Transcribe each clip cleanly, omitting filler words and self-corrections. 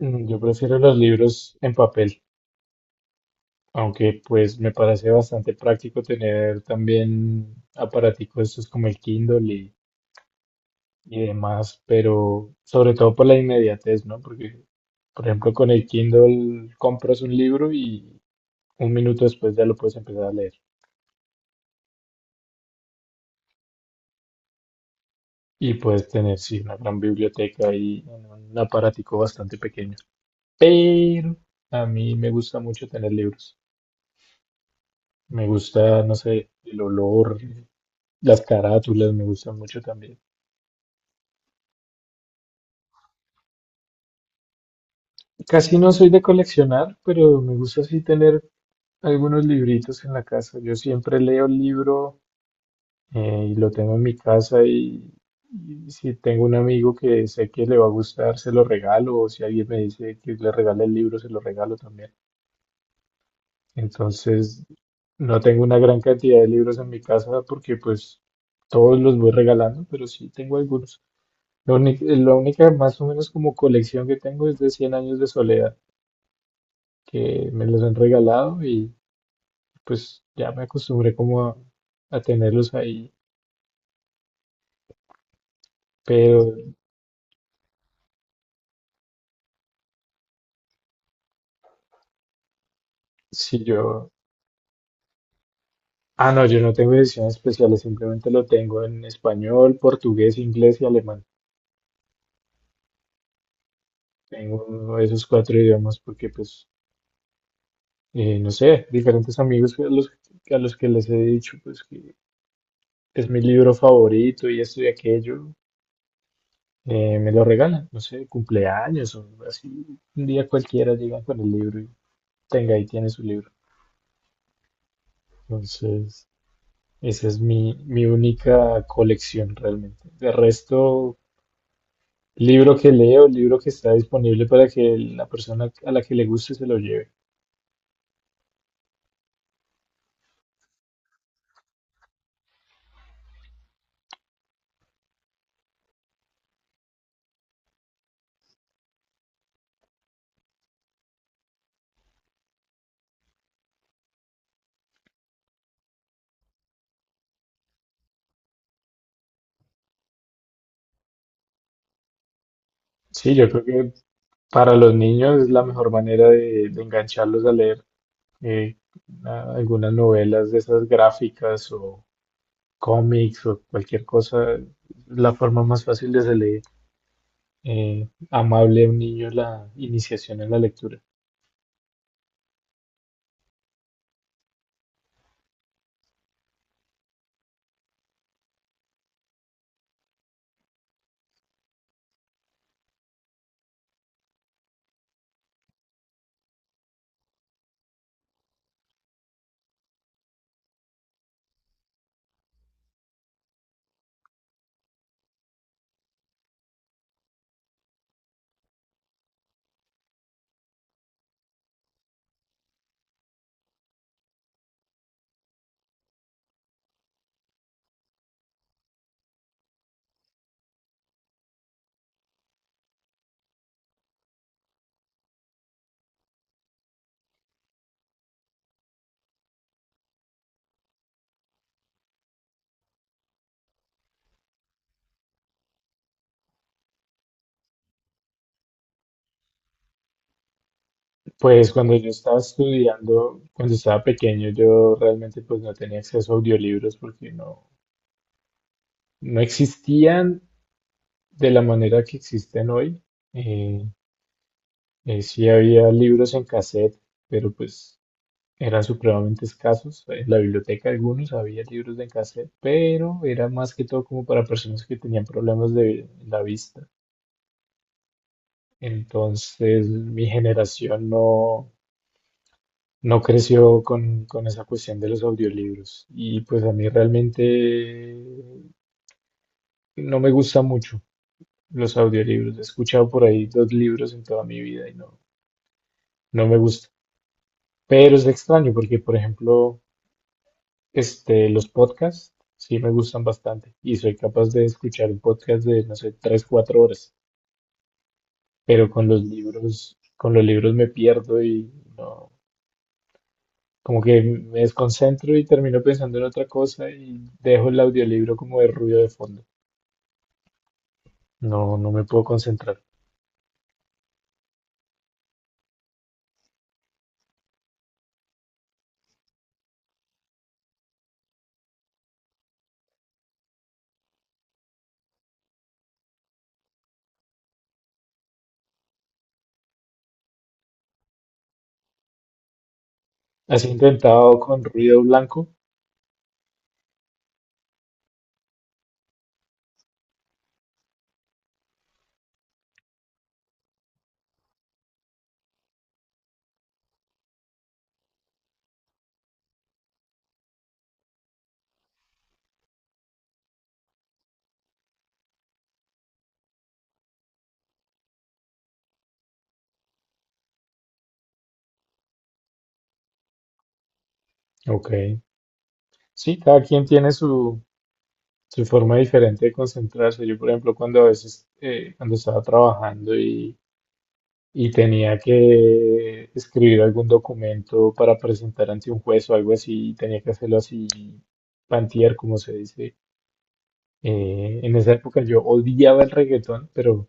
Yo prefiero los libros en papel, aunque pues me parece bastante práctico tener también aparaticos estos como el Kindle y demás, pero sobre todo por la inmediatez, ¿no? Porque, por ejemplo, con el Kindle compras un libro y un minuto después ya lo puedes empezar a leer. Y puedes tener, sí, una gran biblioteca y un aparatico bastante pequeño. Pero a mí me gusta mucho tener libros. Me gusta, no sé, el olor. Las carátulas me gustan mucho también. Casi no soy de coleccionar, pero me gusta así tener algunos libritos en la casa. Yo siempre leo el libro y lo tengo en mi casa y si tengo un amigo que sé que le va a gustar, se lo regalo, o si alguien me dice que le regale el libro, se lo regalo también. Entonces, no tengo una gran cantidad de libros en mi casa porque pues todos los voy regalando, pero sí tengo algunos. La única más o menos como colección que tengo es de cien años de soledad. Que me los han regalado y pues ya me acostumbré como a tenerlos ahí. Pero si yo... Ah, no, yo no tengo ediciones especiales, simplemente lo tengo en español, portugués, inglés y alemán. Tengo esos cuatro idiomas porque pues, no sé, diferentes amigos a los, que les he dicho pues que es mi libro favorito y esto y aquello, me lo regalan, no sé, cumpleaños o así, un día cualquiera llegan con el libro y tenga, ahí tiene su libro. Entonces, esa es mi, única colección realmente. De resto, libro que leo, libro que está disponible para que la persona a la que le guste se lo lleve. Sí, yo creo que para los niños es la mejor manera de engancharlos a leer, eh, algunas novelas de esas gráficas o cómics o cualquier cosa. La forma más fácil de hacerle amable a un niño la iniciación en la lectura. Pues cuando yo estaba estudiando, cuando estaba pequeño, yo realmente pues no tenía acceso a audiolibros porque no, no existían de la manera que existen hoy. Eh, sí había libros en cassette, pero pues eran supremamente escasos. En la biblioteca algunos había libros en cassette, pero era más que todo como para personas que tenían problemas de la vista. Entonces mi generación no creció con esa cuestión de los audiolibros. Y pues a mí realmente no me gusta mucho los audiolibros. He escuchado por ahí dos libros en toda mi vida y no, no me gusta. Pero es extraño porque, por ejemplo, los podcasts sí me gustan bastante y soy capaz de escuchar un podcast de, no sé, 3, 4 horas. Pero con los libros me pierdo y no, como que me desconcentro y termino pensando en otra cosa y dejo el audiolibro como de ruido de fondo. No, no me puedo concentrar. ¿Has intentado con ruido blanco? Ok. Sí, cada quien tiene su, su forma diferente de concentrarse. Yo, por ejemplo, cuando a veces, cuando estaba trabajando y tenía que escribir algún documento para presentar ante un juez o algo así, y tenía que hacerlo así, pantear, como se dice. En esa época yo odiaba el reggaetón, pero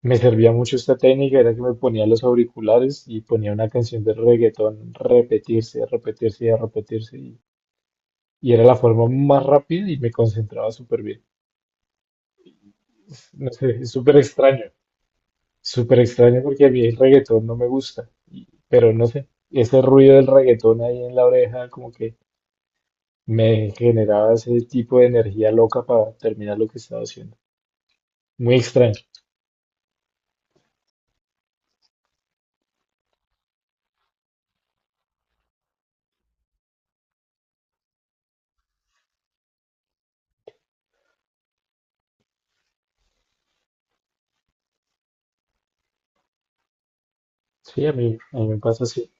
me servía mucho esta técnica, era que me ponía los auriculares y ponía una canción de reggaetón repetirse, repetirse, repetirse y era la forma más rápida y me concentraba súper bien. No sé, es súper extraño porque a mí el reggaetón no me gusta, pero no sé, ese ruido del reggaetón ahí en la oreja como que me generaba ese tipo de energía loca para terminar lo que estaba haciendo. Muy extraño. Sí, a mí me pasa así.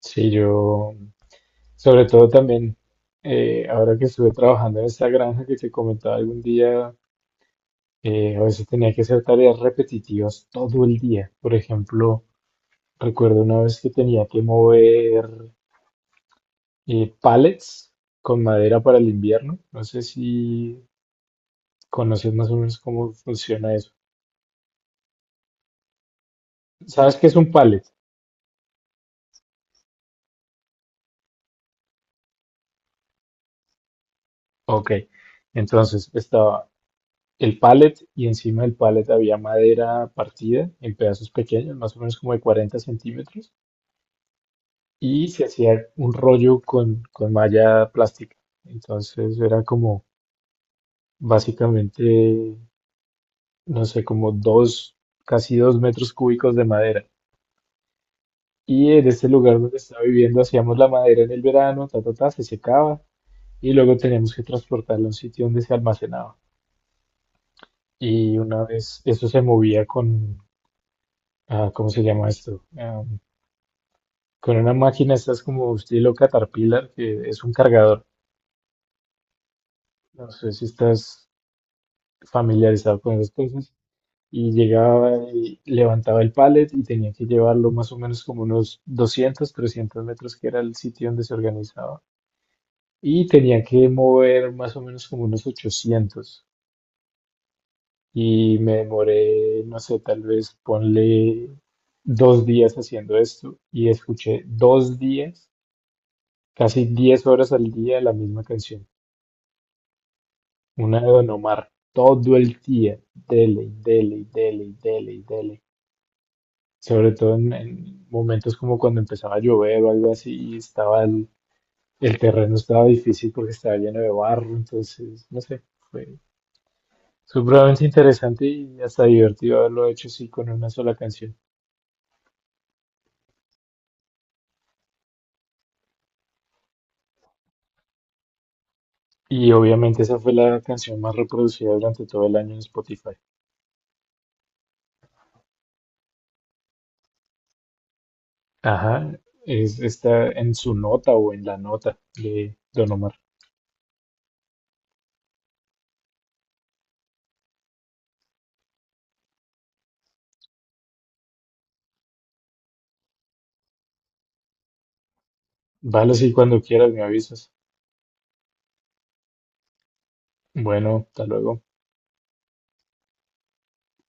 Sí, yo sobre todo también, ahora que estuve trabajando en esta granja que te comentaba algún día, a veces tenía que hacer tareas repetitivas todo el día. Por ejemplo, recuerdo una vez que tenía que mover pallets con madera para el invierno. No sé si conoces más o menos cómo funciona eso. ¿Sabes qué es un pallet? Ok. Entonces estaba el pallet y encima del pallet había madera partida en pedazos pequeños, más o menos como de 40 centímetros, y se hacía un rollo con, malla plástica. Entonces era como básicamente, no sé, como dos, casi 2 metros cúbicos de madera. Y en este lugar donde estaba viviendo hacíamos la madera en el verano, ta, ta, ta, se secaba y luego teníamos que transportarla a un sitio donde se almacenaba. Y una vez eso se movía con, ah, ¿cómo se llama esto? Con una máquina, estás como estilo Caterpillar, que es un cargador. No sé si estás familiarizado con esas cosas. Y llegaba y levantaba el pallet y tenía que llevarlo más o menos como unos 200 300 metros, que era el sitio donde se organizaba. Y tenía que mover más o menos como unos 800. Y me demoré, no sé, tal vez ponle 2 días haciendo esto y escuché 2 días, casi 10 horas al día la misma canción, una de Don Omar, todo el día, dele, y dele, y dele, y dele, y dele. Sobre todo en, momentos como cuando empezaba a llover o algo así, y estaba el terreno estaba difícil porque estaba lleno de barro, entonces, no sé, fue supremamente interesante y hasta divertido haberlo hecho así con una sola canción. Y obviamente esa fue la canción más reproducida durante todo el año en Spotify. Ajá, es está en su nota o en la nota de Don Omar. Vale, sí, cuando quieras me avisas. Bueno, hasta luego.